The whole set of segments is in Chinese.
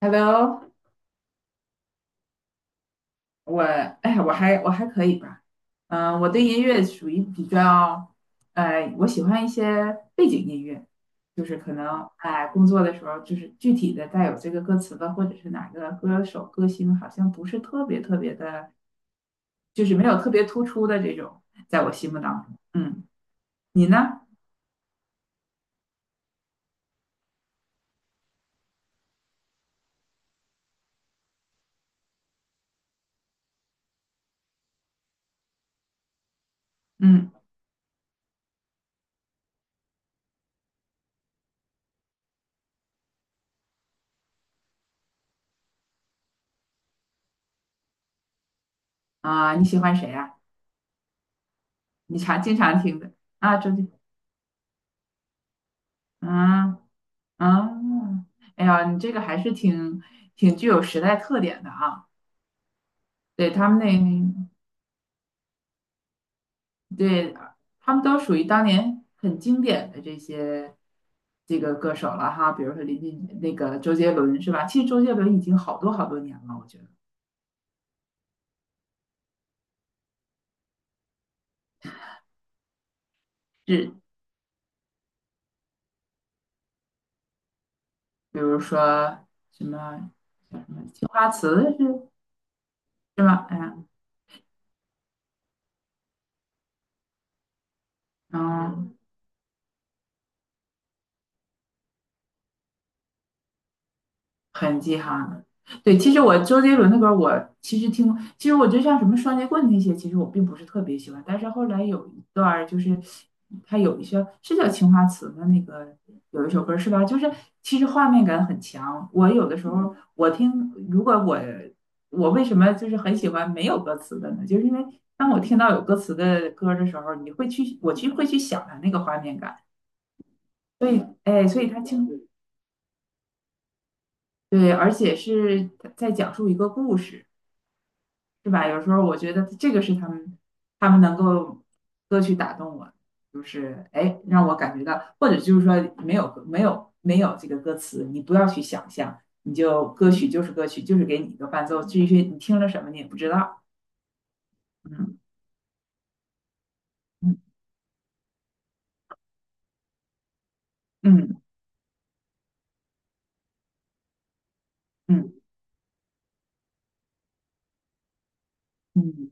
Hello。我还可以吧。我对音乐属于比较，我喜欢一些背景音乐，就是可能工作的时候，就是具体的带有这个歌词的，或者是哪个歌手歌星，好像不是特别特别的，就是没有特别突出的这种，在我心目当中。嗯，你呢？嗯你喜欢谁呀？你经常听的啊？周杰，嗯啊，哎呀，你这个还是挺具有时代特点的啊。对，他们那，对，他们都属于当年很经典的这个歌手了哈。比如说那个周杰伦是吧？其实周杰伦已经好多好多年了，我觉得是。比如说什么叫什么《青花瓷》是吧？哎呀，嗯，很记哈呢。对，其实我周杰伦的歌，我其实听，其实我觉得像什么双截棍那些，其实我并不是特别喜欢。但是后来有一段儿，就是他有一些是叫《青花瓷》的那个，有一首歌是吧？就是其实画面感很强。我有的时候我听，如果我为什么就是很喜欢没有歌词的呢？就是因为当我听到有歌词的歌的时候，你会去我去会去想它那个画面感。所以，哎，所以他清对，而且是在讲述一个故事。是吧？有时候我觉得这个是他们能够歌曲打动我，就是让我感觉到，或者就是说没有这个歌词，你不要去想象，你就歌曲就是歌曲，就是给你一个伴奏，至于你听了什么你也不知道。嗯嗯嗯嗯嗯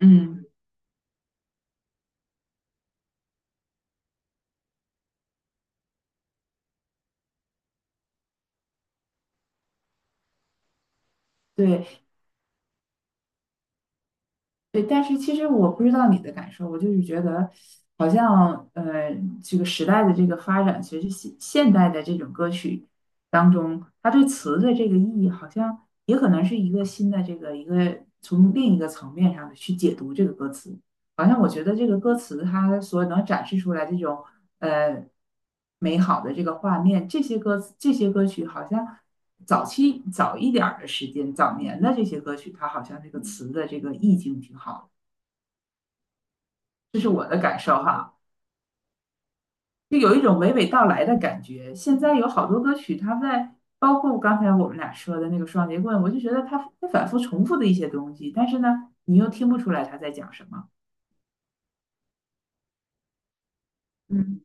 嗯，对。对，但是其实我不知道你的感受，我就是觉得，好像这个时代的这个发展，其实现代的这种歌曲当中，它对词的这个意义，好像也可能是一个新的这个一个从另一个层面上的去解读这个歌词。好像我觉得这个歌词它所能展示出来这种呃美好的这个画面，这些歌曲好像早一点儿的时间，早年的这些歌曲，它好像这个词的这个意境挺好的，这是我的感受哈，就有一种娓娓道来的感觉。现在有好多歌曲，它在包括刚才我们俩说的那个双截棍，我就觉得它反复重复的一些东西，但是呢，你又听不出来他在讲什么。嗯，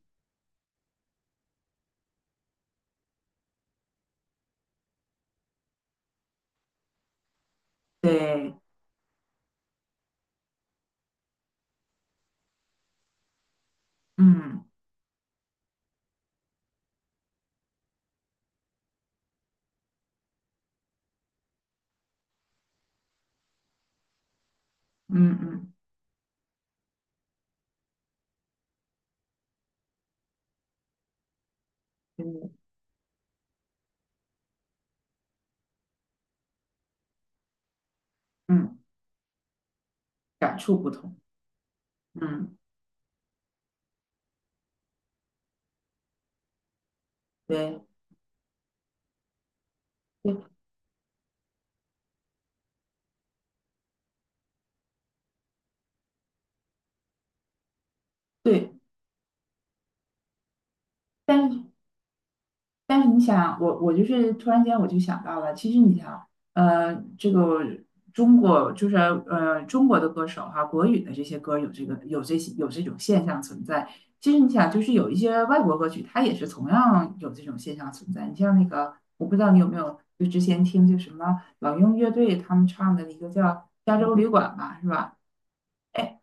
对，嗯嗯嗯嗯嗯，嗯，感触不同，嗯，对对对。但是但是你想，我就是突然间我就想到了，其实你想，这个中国的歌手哈、国语的这些歌有这个有这些有这种现象存在。其实你想，就是有一些外国歌曲，它也是同样有这种现象存在。你像那个，我不知道你有没有，就之前听就什么老鹰乐队他们唱的一个叫《加州旅馆》吧，是吧？哎，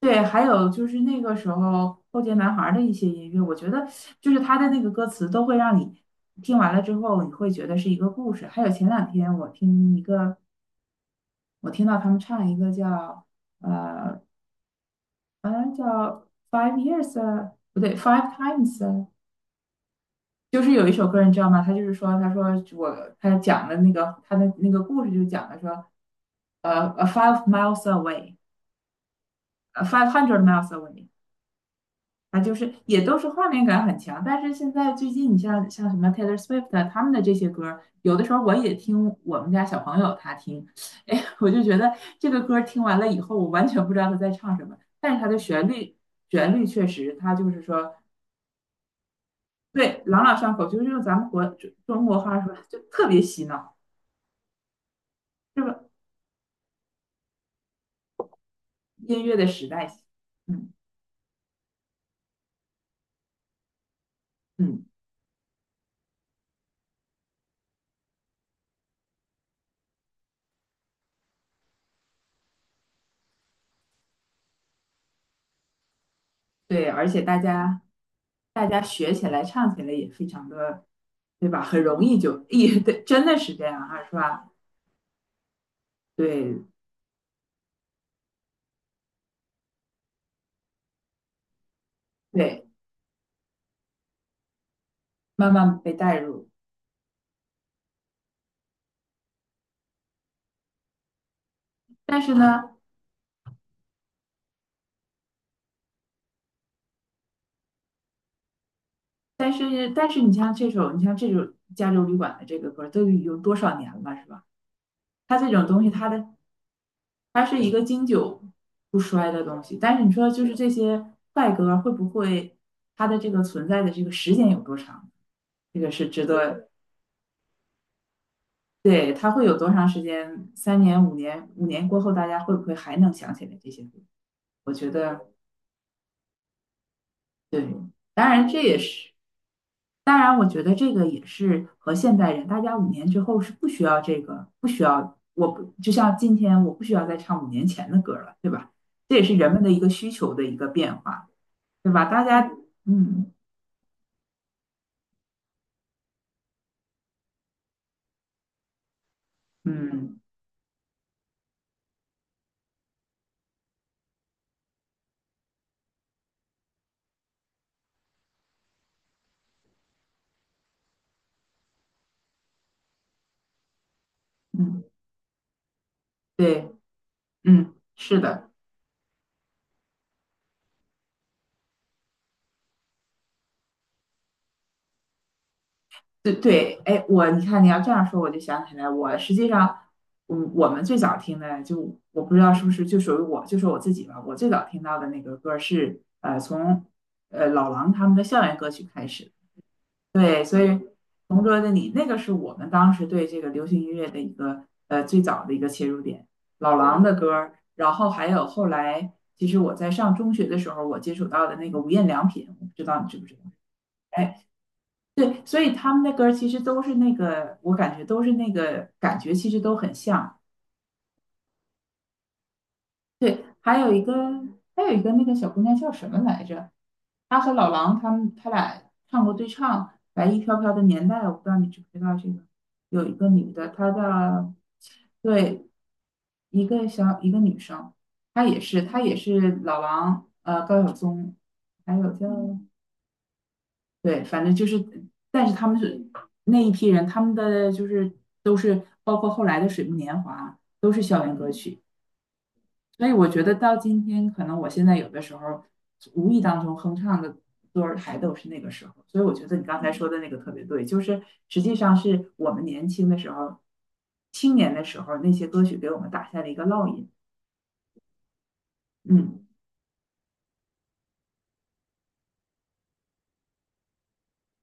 对，还有就是那个时候后街男孩儿的一些音乐，我觉得就是他的那个歌词都会让你听完了之后，你会觉得是一个故事。还有前两天我听一个，我听到他们唱一个叫呃，好像叫《Five Years》啊，不对，《Five Times》啊，就是有一首歌你知道吗？他就是说，他说我他讲的那个他的那个故事就讲的说，a five miles away，a five hundred miles away。啊，就是也都是画面感很强，但是现在最近你像什么 Taylor Swift 啊他们的这些歌儿，有的时候我也听我们家小朋友他听，哎，我就觉得这个歌儿听完了以后，我完全不知道他在唱什么，但是他的旋律确实，他就是说，对，朗朗上口，就是用咱们中国话说就特别洗脑，是吧？音乐的时代，嗯嗯，对，而且大家学起来、唱起来也非常的，对吧？很容易就也对，真的是这样啊，是吧？对对，慢慢被带入。但是呢，但是你像这首《加州旅馆》的这个歌，都已经多少年了，是吧？它这种东西，它是一个经久不衰的东西。但是你说，就是这些快歌会不会它的这个存在的这个时间有多长？这个是值得。对，它会有多长时间？3年、五年，五年过后，大家会不会还能想起来这些歌？我觉得，对，当然这也是，当然我觉得这个也是和现代人，大家五年之后是不需要这个，不需要，我不，就像今天我不需要再唱5年前的歌了，对吧？这也是人们的一个需求的一个变化，对吧？大家，嗯嗯嗯，对，嗯，是的。对对，哎，我你看你要这样说，我就想起来，我实际上，我们最早听的，就我不知道是不是就属于我，就说我自己吧，我最早听到的那个歌是从老狼他们的校园歌曲开始，对，所以《同桌的你》那个是我们当时对这个流行音乐的一个最早的一个切入点，老狼的歌儿，然后还有后来，其实我在上中学的时候，我接触到的那个无印良品，我不知道你知不知道。哎，对，所以他们的歌儿其实都是那个，我感觉都是那个感觉，其实都很像。对，还有一个那个小姑娘叫什么来着？她和老狼，他们他俩唱过对唱《白衣飘飘的年代》，我不知道你知不知道这个。有一个女的，她叫，对，一个小，一个女生，她也是老狼，高晓松，还有叫，对，反正就是，但是他们是那一批人，他们的就是都是包括后来的《水木年华》都是校园歌曲，所以我觉得到今天，可能我现在有的时候无意当中哼唱的歌儿还都是那个时候，所以我觉得你刚才说的那个特别对，就是实际上是我们年轻的时候、青年的时候那些歌曲给我们打下了一个烙印。嗯，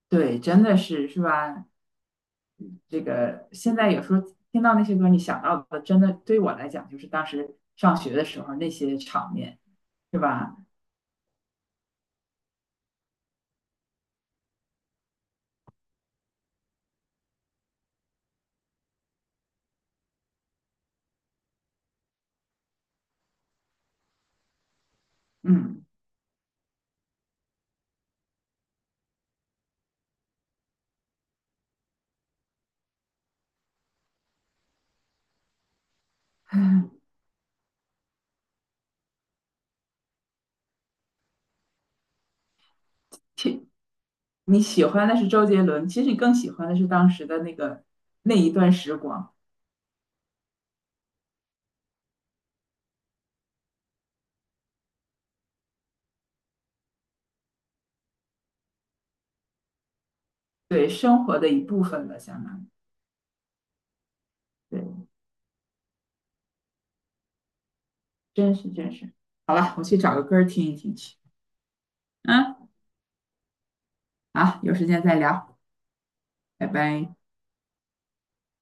对，真的是，是吧？这个现在有时候听到那些歌，你想到的真的对我来讲就是当时上学的时候那些场面，是吧？嗯，你喜欢的是周杰伦，其实你更喜欢的是当时的那个那一段时光，对生活的一部分了，相当于。对，真是真是。好了，我去找个歌听一听去。嗯，好，有时间再聊，拜拜。